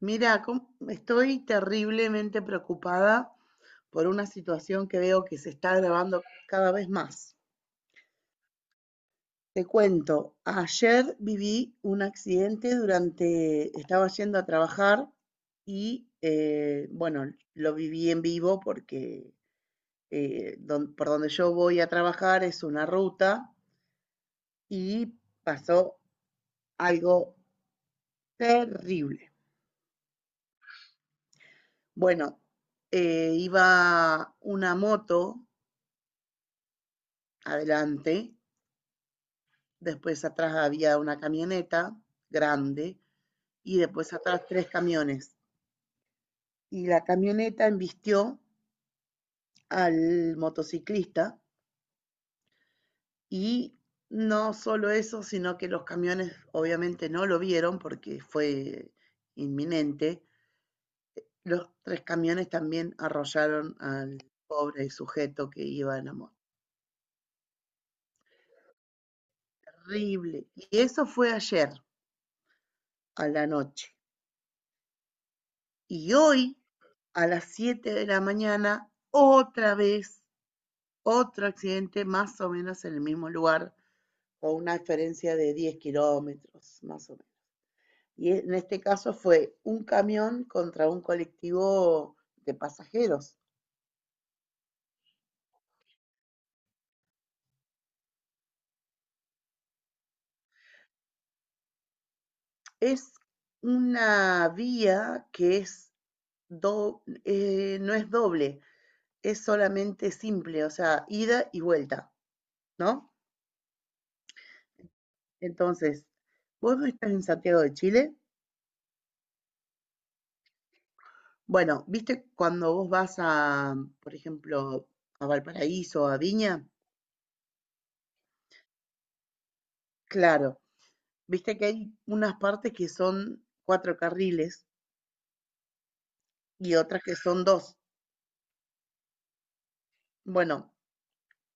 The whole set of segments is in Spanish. Mira, estoy terriblemente preocupada por una situación que veo que se está agravando cada vez más. Te cuento, ayer viví un accidente estaba yendo a trabajar y, bueno, lo viví en vivo porque por donde yo voy a trabajar es una ruta y pasó algo terrible. Bueno, iba una moto adelante. Después atrás había una camioneta grande y después atrás tres camiones. Y la camioneta embistió al motociclista y no solo eso, sino que los camiones obviamente no lo vieron porque fue inminente. Los tres camiones también arrollaron al pobre sujeto que iba en la moto. Terrible. Y eso fue ayer a la noche. Y hoy, a las 7 de la mañana, otra vez. Otro accidente más o menos en el mismo lugar, con una diferencia de 10 km, más o menos. Y en este caso fue un camión contra un colectivo de pasajeros. Es una vía que es no es doble, es solamente simple, o sea, ida y vuelta, ¿no? Entonces, vos no estás en Santiago de Chile. Bueno, viste cuando vos vas a, por ejemplo, a Valparaíso o a Viña, claro, viste que hay unas partes que son cuatro carriles y otras que son dos. Bueno,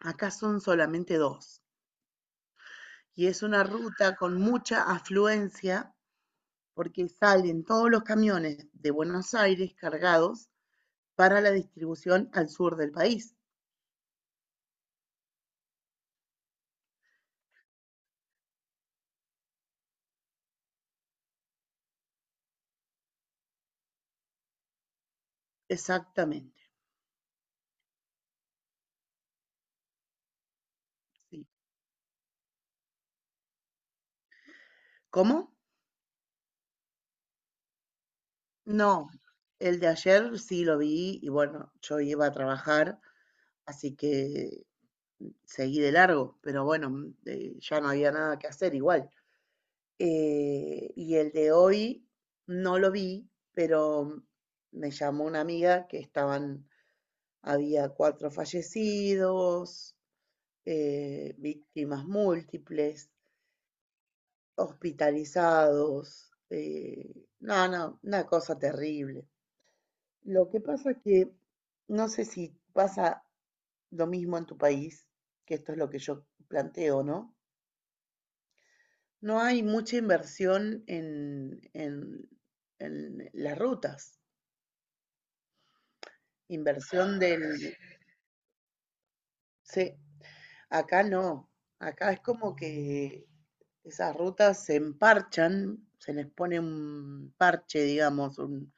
acá son solamente dos. Y es una ruta con mucha afluencia porque salen todos los camiones de Buenos Aires cargados para la distribución al sur del país. Exactamente. Sí. ¿Cómo? No, el de ayer sí lo vi y bueno, yo iba a trabajar, así que seguí de largo, pero bueno, ya no había nada que hacer igual. Y el de hoy no lo vi, pero me llamó una amiga que estaban, había cuatro fallecidos, víctimas múltiples, hospitalizados, no, no, una cosa terrible. Lo que pasa es que no sé si pasa lo mismo en tu país, que esto es lo que yo planteo, ¿no? No hay mucha inversión en las rutas, inversión del. Sí, acá no, acá es como que esas rutas se emparchan, se les pone un parche, digamos,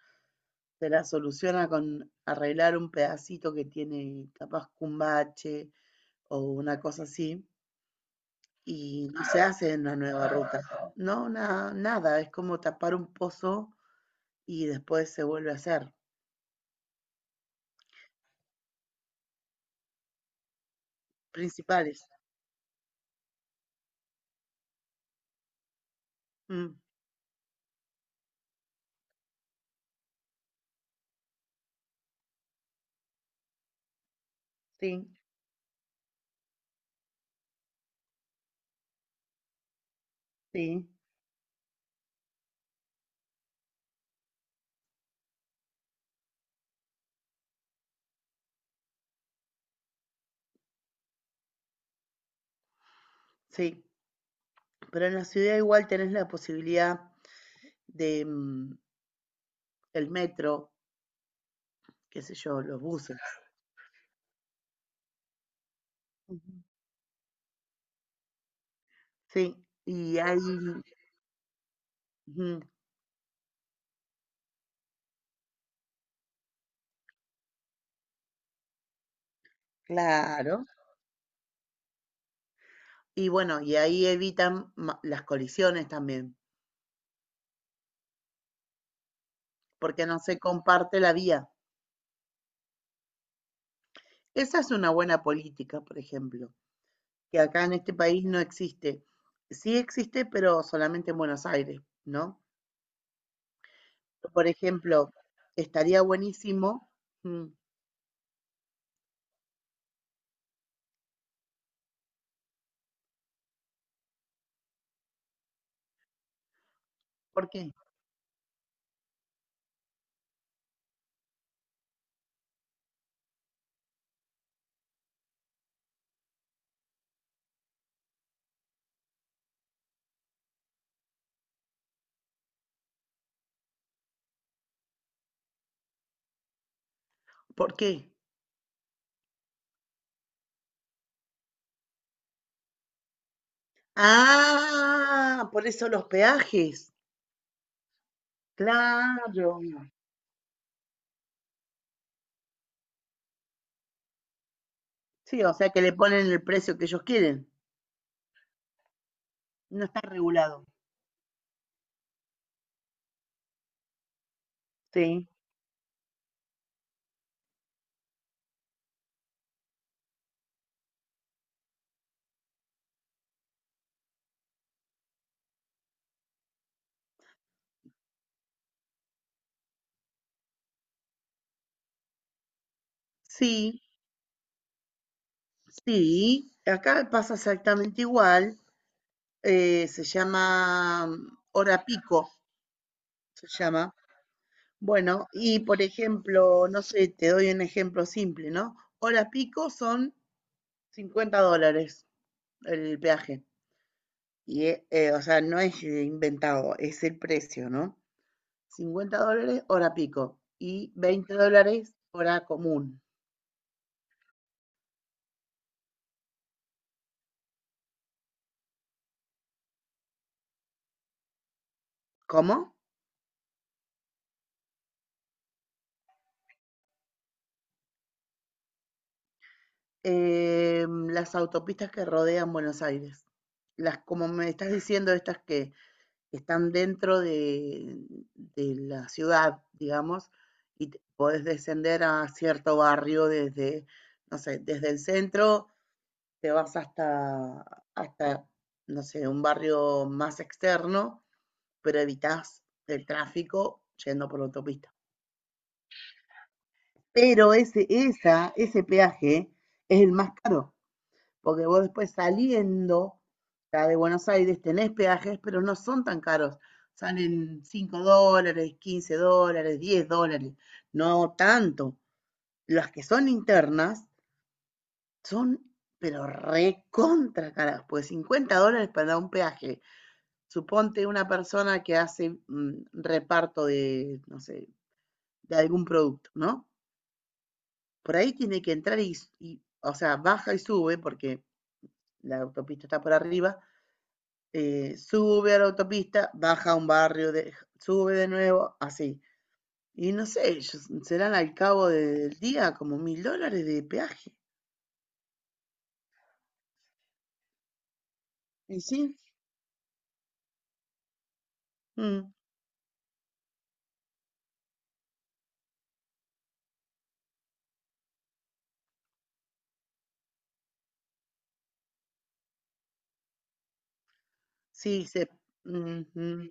se la soluciona con arreglar un pedacito que tiene capaz que un bache o una cosa así, y no se hace una nueva ruta. No, nada, es como tapar un pozo y después se vuelve a hacer. Principales. Mm. Sí, sí, sí. Pero en la ciudad igual tenés la posibilidad de el metro, qué sé yo, los buses. Ujú. Sí, y ahí, ujú, claro. Y bueno, y ahí evitan las colisiones también, porque no se comparte la vía. Esa es una buena política, por ejemplo, que acá en este país no existe. Sí existe, pero solamente en Buenos Aires, ¿no? Por ejemplo, estaría buenísimo. Mm. ¿Por qué? ¿Por qué? Ah, por eso los peajes. Claro. Sí, o sea que le ponen el precio que ellos quieren. No está regulado. Sí, sí, sí. Acá pasa exactamente igual. Se llama hora pico, se llama. Bueno, y por ejemplo, no sé, te doy un ejemplo simple, ¿no? Hora pico son $50 el peaje. Y, o sea, no es inventado, es el precio, ¿no? $50 hora pico y $20 hora común. ¿Cómo? Las autopistas que rodean Buenos Aires. Las, como me estás diciendo, estas que están dentro de la ciudad, digamos, y podés descender a cierto barrio desde, no sé, desde el centro, te vas hasta, hasta, no sé, un barrio más externo pero evitás el tráfico yendo por la autopista. Pero ese, esa, ese peaje es el más caro, porque vos después saliendo ya de Buenos Aires tenés peajes, pero no son tan caros. Salen $5, $15, $10, no tanto. Las que son internas son, pero recontra caras, pues $50 para un peaje. Suponte una persona que hace reparto de, no sé, de algún producto, ¿no? Por ahí tiene que entrar y, o sea, baja y sube, porque la autopista está por arriba, sube a la autopista, baja a un barrio, de, sube de nuevo, así. Y no sé, serán al cabo del día como $1.000 de peaje. Y sí, mm, sí, se, mm, mm,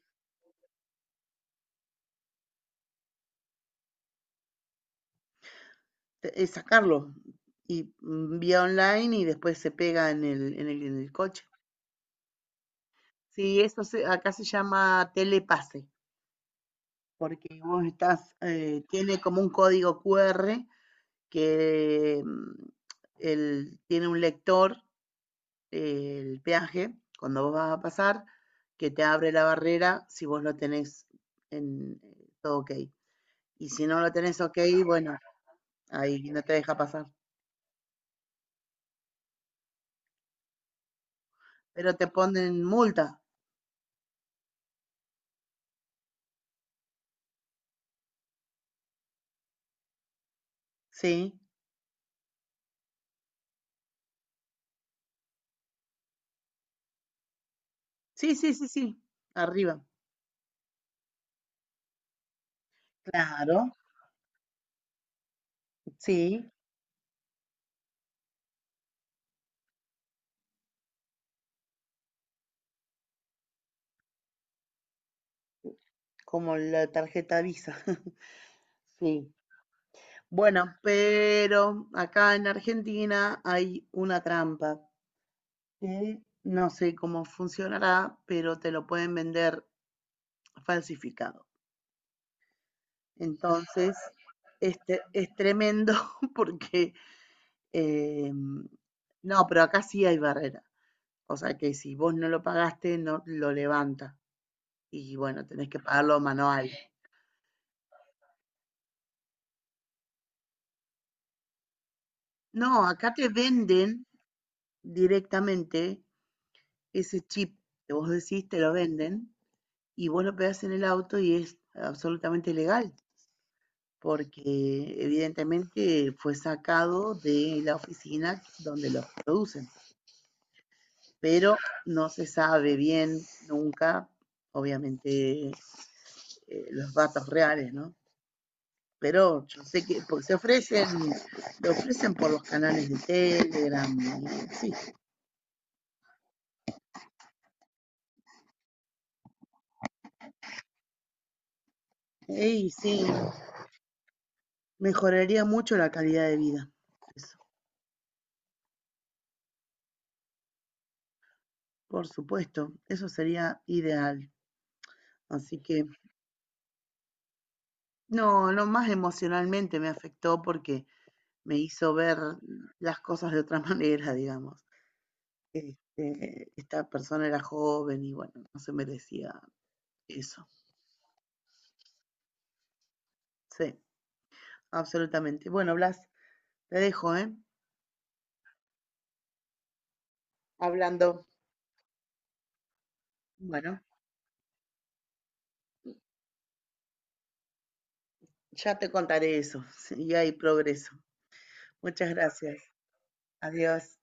es sacarlo y vía online y después se pega en el, en el, en el coche. Sí, eso acá se llama telepase. Porque vos estás, tiene como un código QR que tiene un lector, el peaje, cuando vos vas a pasar, que te abre la barrera si vos lo tenés en todo ok. Y si no lo tenés ok, bueno, ahí no te deja pasar. Pero te ponen multa, ¿sí? Sí, sí, sí, sí, arriba. Claro, sí, como la tarjeta Visa. Sí, bueno, pero acá en Argentina hay una trampa que no sé cómo funcionará, pero te lo pueden vender falsificado. Entonces, este es tremendo porque eh, no, pero acá sí hay barrera. O sea que si vos no lo pagaste, no lo levanta. Y bueno, tenés que pagarlo manual. No, acá te venden directamente ese chip que vos decís, te lo venden y vos lo pegás en el auto y es absolutamente legal, porque evidentemente fue sacado de la oficina donde los producen, pero no se sabe bien nunca, obviamente, los datos reales, ¿no? Pero yo sé que pues, se ofrecen, lo ofrecen por los canales de Telegram, sí, y sí, mejoraría mucho la calidad de vida. Eso, por supuesto, eso sería ideal. Así que no, no más emocionalmente me afectó porque me hizo ver las cosas de otra manera, digamos. Este, esta persona era joven y bueno, no se merecía eso. Sí, absolutamente. Bueno, Blas, te dejo, ¿eh? Hablando. Bueno, ya te contaré eso, y hay progreso. Muchas gracias. Adiós.